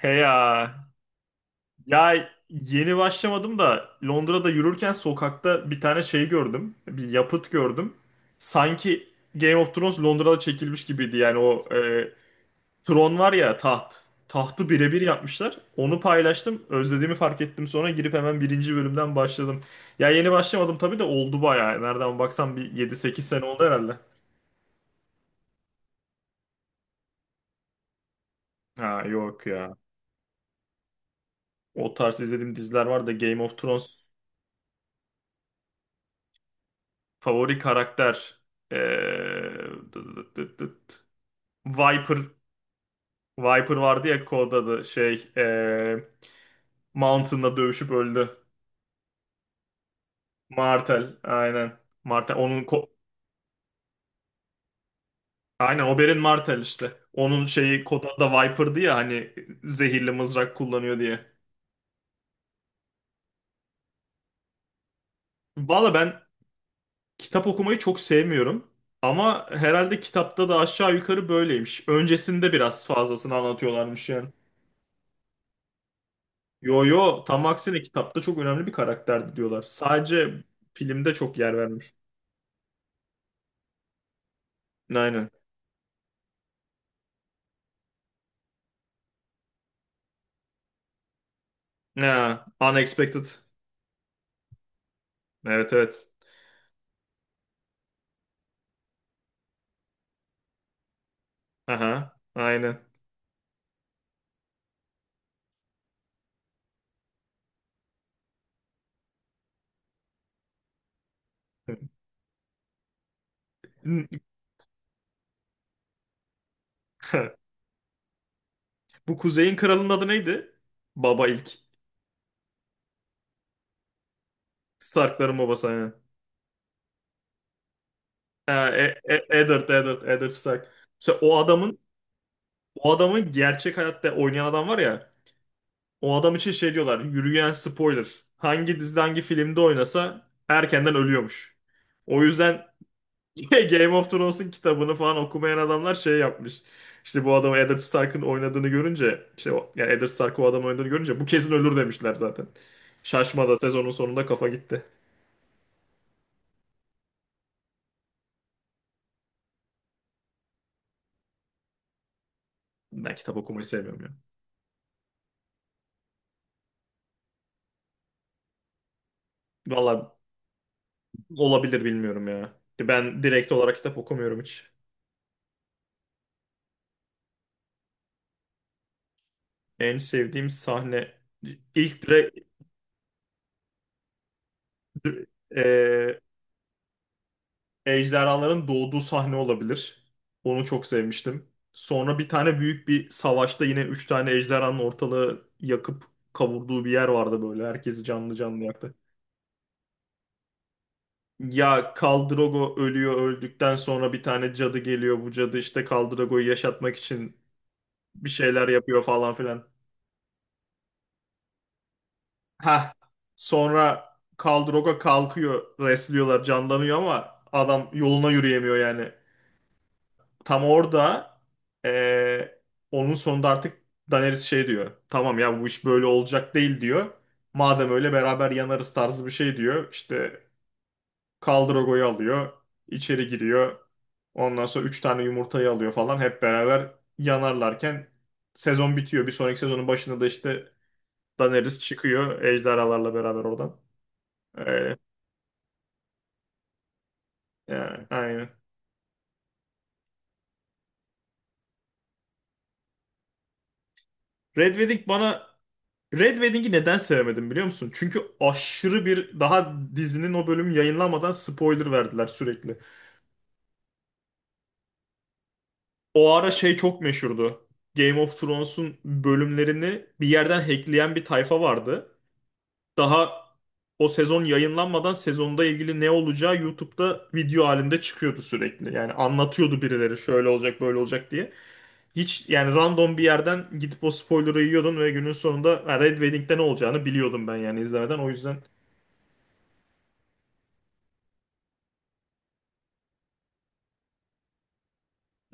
He ya. Ya yeni başlamadım da Londra'da yürürken sokakta bir tane şey gördüm. Bir yapıt gördüm. Sanki Game of Thrones Londra'da çekilmiş gibiydi. Yani o tron var ya taht. Tahtı birebir yapmışlar. Onu paylaştım. Özlediğimi fark ettim. Sonra girip hemen birinci bölümden başladım. Ya yeni başlamadım tabii de oldu bayağı. Nereden baksan bir 7-8 sene oldu herhalde. Ha yok ya. O tarz izlediğim diziler var da Game of Thrones. Favori karakter. Ee, dıt dıt dıt dıt. Viper. Viper vardı ya kod da Şey. Mountain'la dövüşüp öldü. Martel. Aynen. Martel. Aynen Oberyn Martel işte. Onun şeyi kod da Viper'dı ya hani zehirli mızrak kullanıyor diye. Valla ben kitap okumayı çok sevmiyorum. Ama herhalde kitapta da aşağı yukarı böyleymiş. Öncesinde biraz fazlasını anlatıyorlarmış yani. Yo yo, tam aksine kitapta çok önemli bir karakterdi diyorlar. Sadece filmde çok yer vermiş. Aynen. Ya, unexpected. Evet evet. Aha, aynen. Bu Kuzey'in kralının adı neydi? Baba ilk. Stark'ların babası aynen. Ha, Eddard, Eddard, Eddard Stark. Mesela o adamın gerçek hayatta oynayan adam var ya. O adam için şey diyorlar. Yürüyen spoiler. Hangi dizide hangi filmde oynasa erkenden ölüyormuş. O yüzden Game of Thrones'un kitabını falan okumayan adamlar şey yapmış. İşte bu adamı Eddard Stark'ın oynadığını görünce işte o, yani Eddard Stark o adamı oynadığını görünce bu kesin ölür demişler zaten. Şaşmada sezonun sonunda kafa gitti. Ben kitap okumayı sevmiyorum ya. Valla olabilir, bilmiyorum ya. Ben direkt olarak kitap okumuyorum hiç. En sevdiğim sahne ilk direkt e, ejderhaların doğduğu sahne olabilir. Onu çok sevmiştim. Sonra bir tane büyük bir savaşta yine üç tane ejderhanın ortalığı yakıp kavurduğu bir yer vardı böyle. Herkesi canlı canlı yaktı. Ya Khal Drogo ölüyor, öldükten sonra bir tane cadı geliyor. Bu cadı işte Khal Drogo'yu yaşatmak için bir şeyler yapıyor falan filan. Ha. Sonra Khal Drogo kalkıyor, resliyorlar, canlanıyor ama adam yoluna yürüyemiyor yani. Tam orada eee, onun sonunda artık Daenerys şey diyor. Tamam ya, bu iş böyle olacak değil diyor. Madem öyle beraber yanarız tarzı bir şey diyor. İşte Khal Drogo'yu alıyor, içeri giriyor. Ondan sonra 3 tane yumurtayı alıyor falan. Hep beraber yanarlarken sezon bitiyor. Bir sonraki sezonun başında da işte Daenerys çıkıyor ejderhalarla beraber oradan. Öyle. Yani, aynen. Red Wedding bana, Red Wedding'i neden sevmedim biliyor musun? Çünkü aşırı, bir daha dizinin o bölümü yayınlanmadan spoiler verdiler sürekli. O ara şey çok meşhurdu. Game of Thrones'un bölümlerini bir yerden hackleyen bir tayfa vardı. Daha o sezon yayınlanmadan sezonda ilgili ne olacağı YouTube'da video halinde çıkıyordu sürekli. Yani anlatıyordu birileri şöyle olacak böyle olacak diye. Hiç yani, random bir yerden gidip o spoiler'ı yiyordun ve günün sonunda ha, Red Wedding'de ne olacağını biliyordum ben yani izlemeden. O yüzden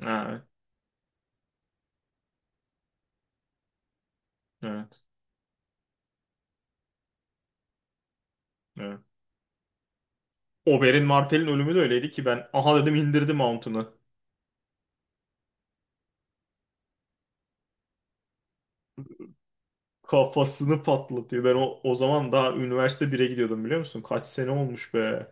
ha, evet. Evet. Evet. Oberyn Martell'in ölümü de öyleydi ki ben aha dedim, indirdi Mount'unu. Kafasını patlatıyor. Ben o, o zaman daha üniversite bire gidiyordum, biliyor musun? Kaç sene olmuş be.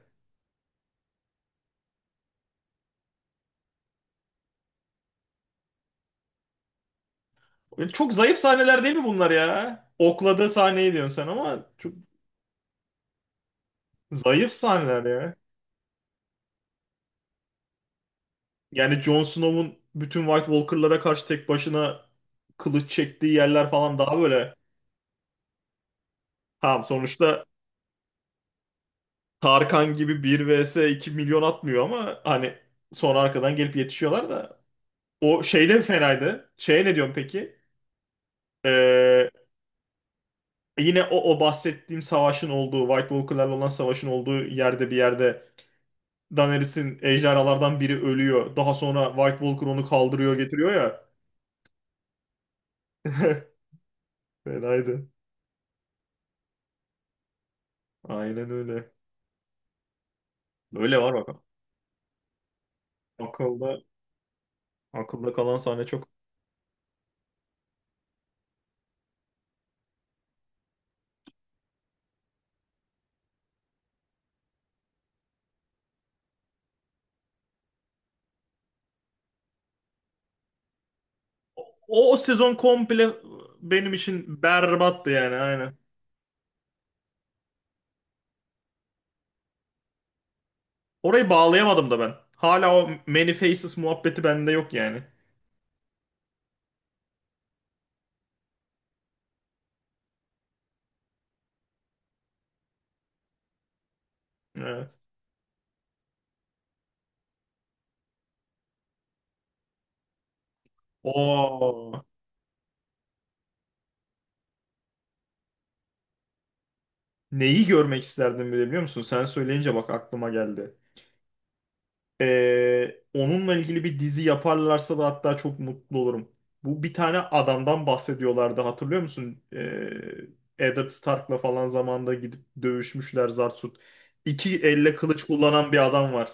Çok zayıf sahneler değil mi bunlar ya? Okladığı sahneyi diyorsun sen ama çok zayıf sahneler ya. Yani Jon Snow'un bütün White Walker'lara karşı tek başına kılıç çektiği yerler falan daha böyle. Tamam, sonuçta Tarkan gibi 1 vs 2 milyon atmıyor ama hani sonra arkadan gelip yetişiyorlar da. O şeyde fenaydı. Şeye ne diyorsun peki? Ee, yine o, o bahsettiğim savaşın olduğu, White Walker'larla olan savaşın olduğu yerde bir yerde Daenerys'in ejderhalardan biri ölüyor. Daha sonra White Walker onu kaldırıyor, getiriyor ya. Fenaydı. Aynen öyle. Böyle var bakalım. Akılda, akılda kalan sahne çok. O, o sezon komple benim için berbattı yani, aynen. Orayı bağlayamadım da ben. Hala o Many Faces muhabbeti bende yok yani. Evet. Oo. Neyi görmek isterdim bile biliyor musun? Sen söyleyince bak aklıma geldi. Onunla ilgili bir dizi yaparlarsa da hatta çok mutlu olurum. Bu bir tane adamdan bahsediyorlardı, hatırlıyor musun? Eddard Stark'la falan zamanda gidip dövüşmüşler Zarsut. İki elle kılıç kullanan bir adam var.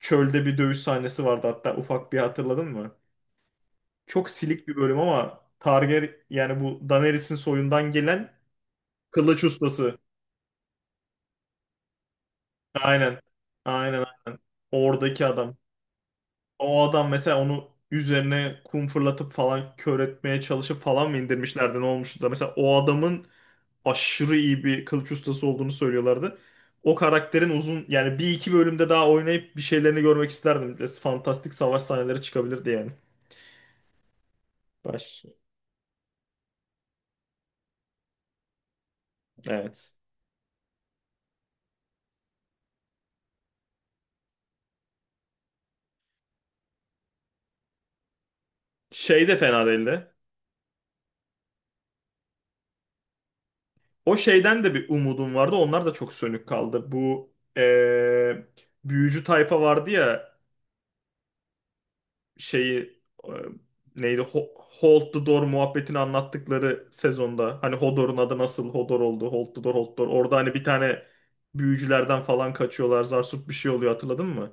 Çölde bir dövüş sahnesi vardı hatta, ufak bir hatırladın mı? Çok silik bir bölüm ama Targaryen, yani bu Daenerys'in soyundan gelen kılıç ustası. Aynen. Aynen, aynen. Oradaki adam. O adam mesela, onu üzerine kum fırlatıp falan kör etmeye çalışıp falan mı indirmişlerdi, ne olmuştu da mesela o adamın aşırı iyi bir kılıç ustası olduğunu söylüyorlardı. O karakterin uzun yani bir iki bölümde daha oynayıp bir şeylerini görmek isterdim. Biraz fantastik savaş sahneleri çıkabilirdi yani. Baş... Evet. Şey de fena değildi. O şeyden de bir umudum vardı. Onlar da çok sönük kaldı. Bu büyücü tayfa vardı ya, şeyi neydi Hold the Door muhabbetini anlattıkları sezonda hani Hodor'un adı nasıl Hodor oldu, Hold the Door, Hold the Door, orada hani bir tane büyücülerden falan kaçıyorlar, Zarsut bir şey oluyor, hatırladın mı?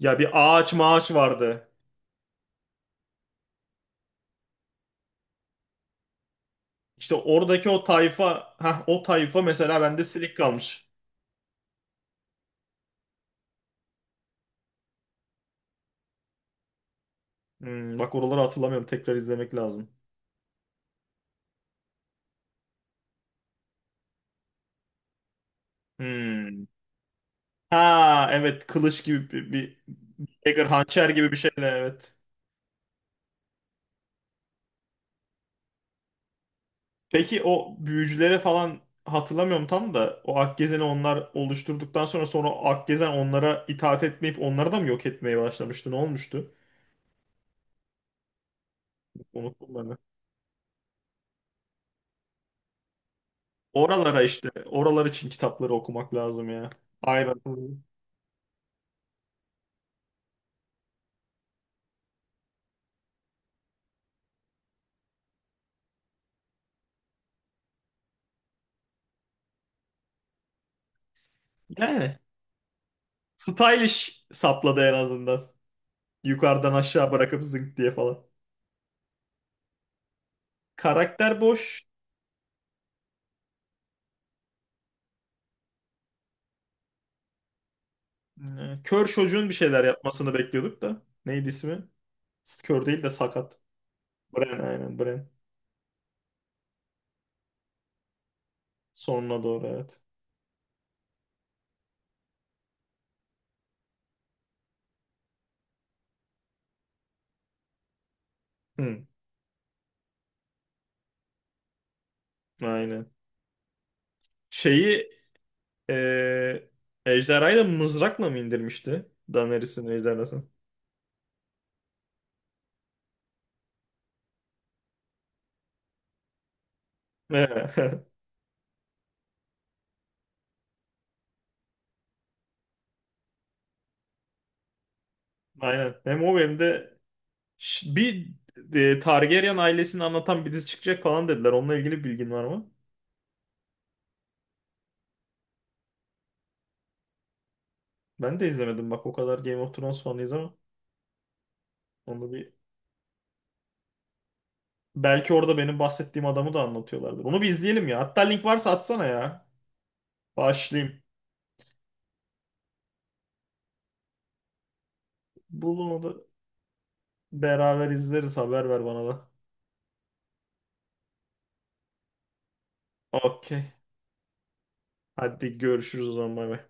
Ya bir ağaç mağaç vardı. İşte oradaki o tayfa, ha, o tayfa mesela bende silik kalmış. Hmm, bak oraları hatırlamıyorum, tekrar izlemek lazım. Hmm. Ha evet, kılıç gibi bir dagger, hançer gibi bir şeyle, evet. Peki o büyücülere falan hatırlamıyorum tam da, o Akgezen'i onlar oluşturduktan sonra, sonra o Akgezen onlara itaat etmeyip onları da mı yok etmeye başlamıştı? Ne olmuştu? Unuttum ben. De. Oralara işte, oralar için kitapları okumak lazım ya. Aynen. Yani stylish sapladı en azından. Yukarıdan aşağı bırakıp zınk diye falan. Karakter boş. Kör çocuğun bir şeyler yapmasını bekliyorduk da. Neydi ismi? Kör değil de sakat. Bren, aynen Bren. Sonuna doğru, evet. Hmm. Aynen. Şeyi eee ejderhayı da mızrakla mı indirmişti? Daenerys'in ejderhası. Aynen. Hem o hem de bir Targaryen ailesini anlatan bir dizi çıkacak falan dediler. Onunla ilgili bir bilgin var mı? Ben de izlemedim bak, o kadar Game of Thrones fanıyız ama onu bir, belki orada benim bahsettiğim adamı da anlatıyorlardır. Onu bir izleyelim ya. Hatta link varsa atsana ya. Başlayayım. Bulun onu da beraber izleriz. Haber ver bana da. Okey. Hadi görüşürüz o zaman, bay bay.